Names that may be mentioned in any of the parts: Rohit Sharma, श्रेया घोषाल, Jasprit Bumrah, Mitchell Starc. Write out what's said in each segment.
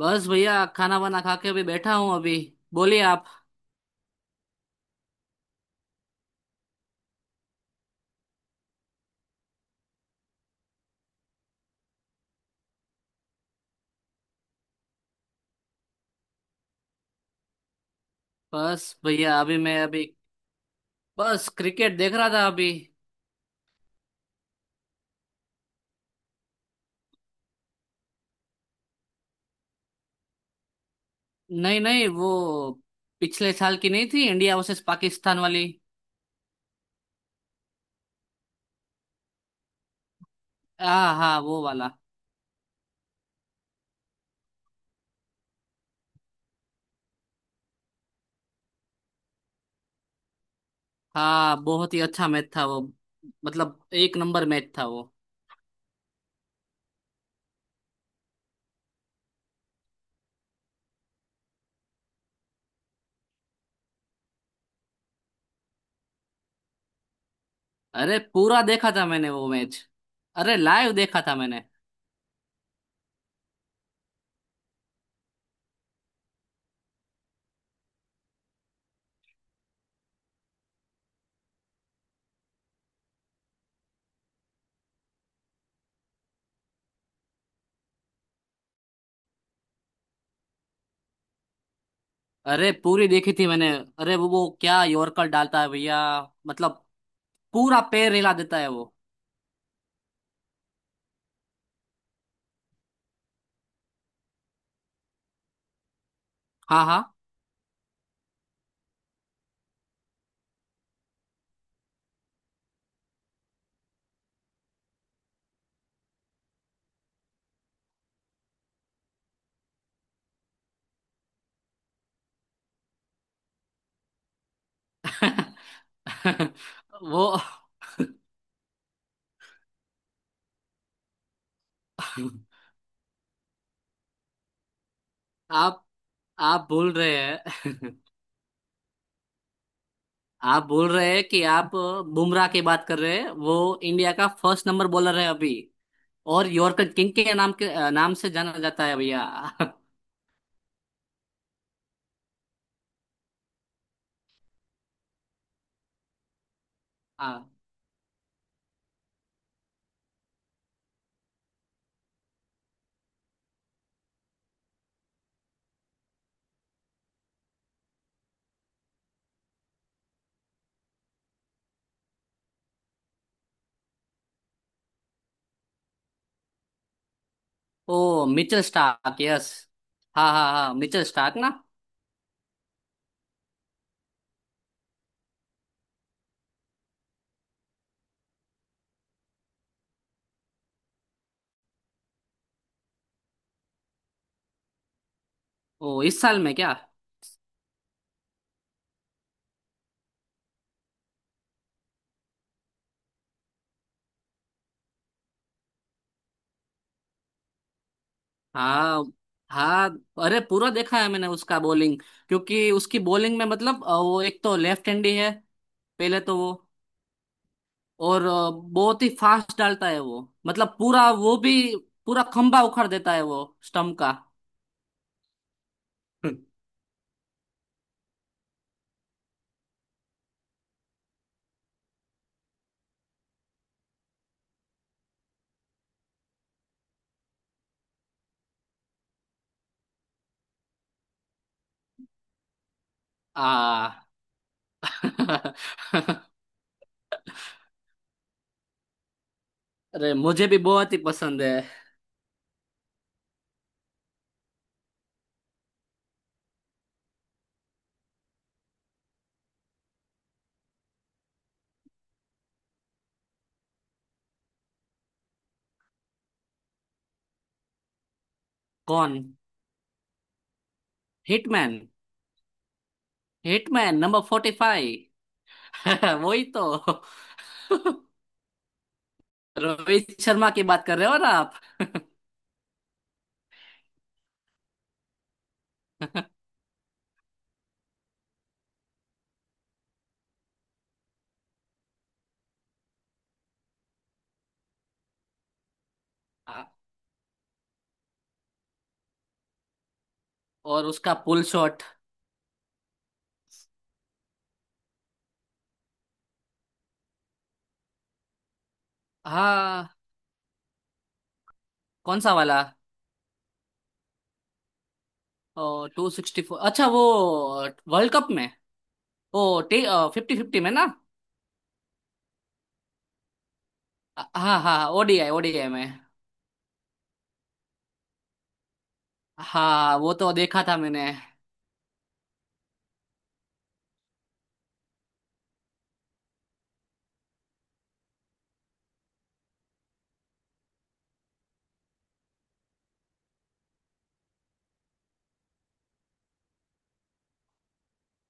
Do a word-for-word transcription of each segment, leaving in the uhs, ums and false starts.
बस भैया खाना वाना खा के अभी बैठा हूँ अभी। बोलिए आप। बस भैया अभी मैं अभी बस क्रिकेट देख रहा था अभी। नहीं नहीं वो पिछले साल की नहीं थी, इंडिया वर्सेस पाकिस्तान वाली। हाँ हाँ वो वाला। हाँ बहुत ही अच्छा मैच था वो। मतलब एक नंबर मैच था वो। अरे पूरा देखा था मैंने वो मैच। अरे लाइव देखा था मैंने। अरे पूरी देखी थी मैंने। अरे वो वो क्या यॉर्कर डालता है भैया। मतलब पूरा पैर हिला देता है वो। हाँ हाँ। वो आप आप बोल रहे हैं। आप बोल रहे हैं कि आप बुमराह की बात कर रहे हैं। वो इंडिया का फर्स्ट नंबर बॉलर है अभी। और यॉर्कर किंग के नाम के नाम से जाना जाता है भैया। हाँ। ओ मिचेल स्टार्क, यस। हाँ हाँ हाँ, मिचेल स्टार्क ना। ओ इस साल में क्या? हाँ हाँ। अरे पूरा देखा है मैंने उसका बॉलिंग। क्योंकि उसकी बॉलिंग में मतलब अ, वो एक तो लेफ्ट हैंडी है पहले तो वो। और अ, बहुत ही फास्ट डालता है वो। मतलब पूरा वो भी पूरा खंभा उखाड़ देता है वो स्टंप का। आ। अरे मुझे भी बहुत ही पसंद है। कौन? Hitman. Hitman number forty five. वही तो। रोहित शर्मा की बात कर रहे हो ना आप? आ, और उसका पुल शॉट। हाँ। कौन सा वाला? ओ, टू सिक्सटी फोर, अच्छा वो। वर्ल्ड कप में। ओ। टी फिफ्टी फिफ्टी में ना? हाँ हाँ हाँ, ओडीआई ओडीआई में। हाँ वो तो देखा था मैंने।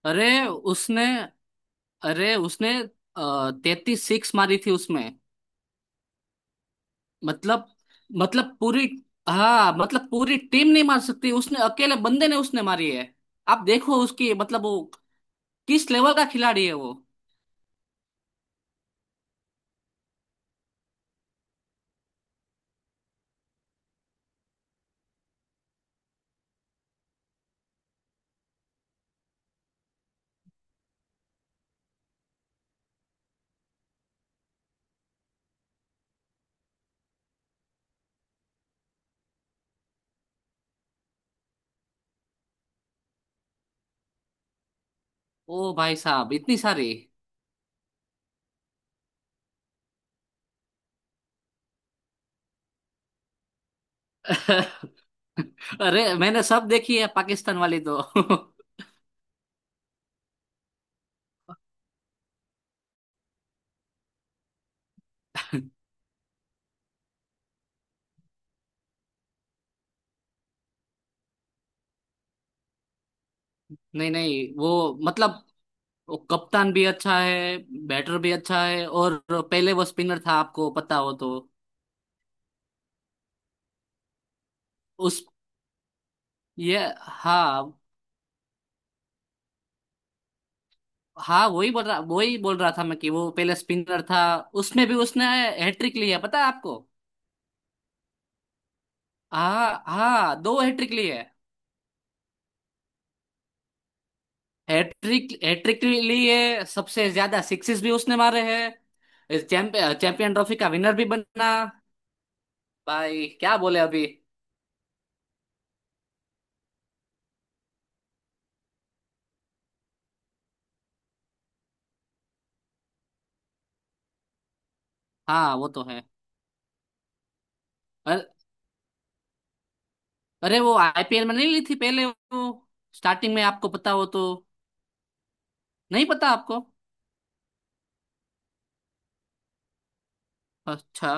अरे उसने अरे उसने तैतीस सिक्स मारी थी उसमें। मतलब, मतलब पूरी। हाँ मतलब पूरी टीम नहीं मार सकती, उसने अकेले बंदे ने उसने मारी है। आप देखो उसकी, मतलब वो किस लेवल का खिलाड़ी है वो। ओ भाई साहब, इतनी सारी। अरे मैंने सब देखी है पाकिस्तान वाली तो। नहीं नहीं वो मतलब वो कप्तान भी अच्छा है, बैटर भी अच्छा है और पहले वो स्पिनर था, आपको पता हो तो। उस ये हाँ। हाँ वही बोल रहा, वही बोल रहा था मैं कि वो पहले स्पिनर था। उसमें भी उसने हैट्रिक ली है, पता है आपको? हाँ हाँ, दो हैट्रिक ली है। हैट्रिक हैट्रिक ली है, सबसे ज्यादा सिक्सेस भी उसने मारे हैं। चैंप, चैंपियन ट्रॉफी का विनर भी बना। भाई क्या बोले अभी। हाँ वो तो है। अरे वो आईपीएल में नहीं ली थी पहले वो स्टार्टिंग में, आपको पता हो तो। नहीं पता आपको। अच्छा।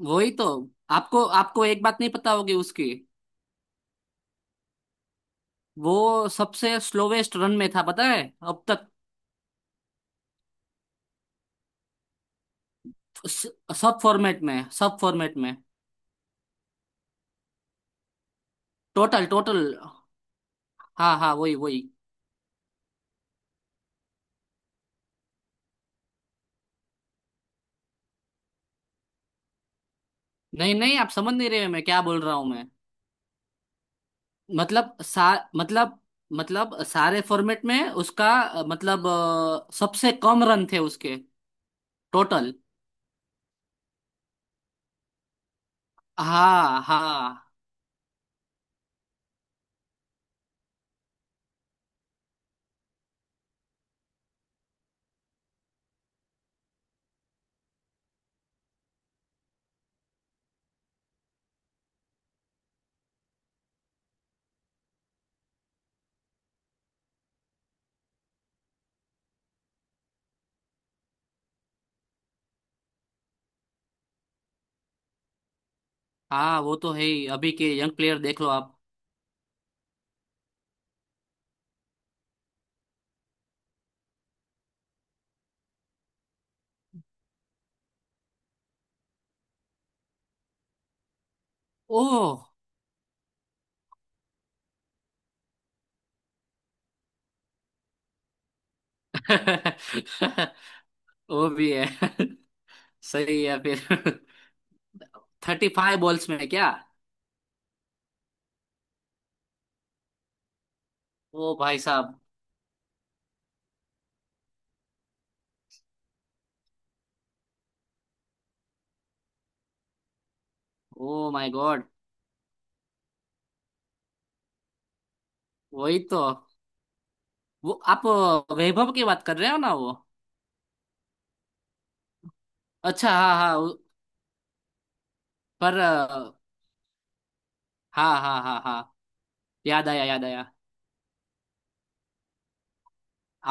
वही तो। आपको आपको एक बात नहीं पता होगी उसकी। वो सबसे स्लोवेस्ट रन में था पता है, अब तक। स- सब फॉर्मेट में, सब फॉर्मेट में। Total, total. हाँ हाँ, वही वही। नहीं नहीं आप समझ नहीं रहे मैं क्या बोल रहा हूँ मैं। मतलब सा मतलब, मतलब सारे फॉर्मेट में उसका अ, मतलब अ, सबसे कम रन थे उसके टोटल। हाँ हाँ हाँ, वो तो है ही। अभी के यंग प्लेयर देख लो आप। ओह। वो भी है। सही है फिर। थर्टी फाइव बॉल्स में क्या? ओ भाई साहब। Oh my god. वही तो। वो आप अ, वैभव की बात कर रहे हो ना वो? अच्छा हाँ हाँ वो- पर अ, हाँ हाँ हाँ हाँ, याद आया याद आया।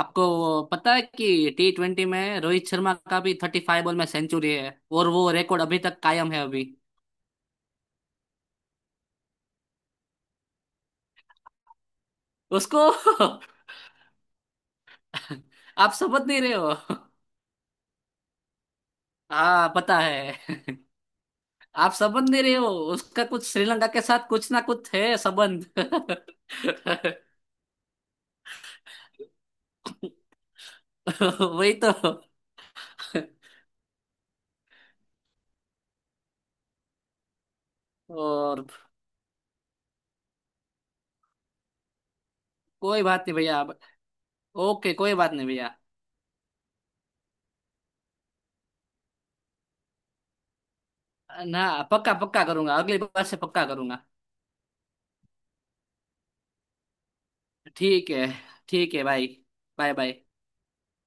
आपको वो पता है कि टी ट्वेंटी में रोहित शर्मा का भी थर्टी फाइव बॉल में सेंचुरी है, और वो रिकॉर्ड अभी तक कायम है अभी। उसको। आप समझ नहीं रहे हो। हाँ पता है। आप संबंध दे रहे हो। उसका कुछ श्रीलंका के साथ कुछ ना कुछ है संबंध। वही तो। और। कोई बात नहीं भैया आप-। ओके, कोई बात नहीं भैया। ना पक्का, पक्का करूंगा, अगली बार से पक्का करूंगा। ठीक है। ठीक है भाई। Bye bye.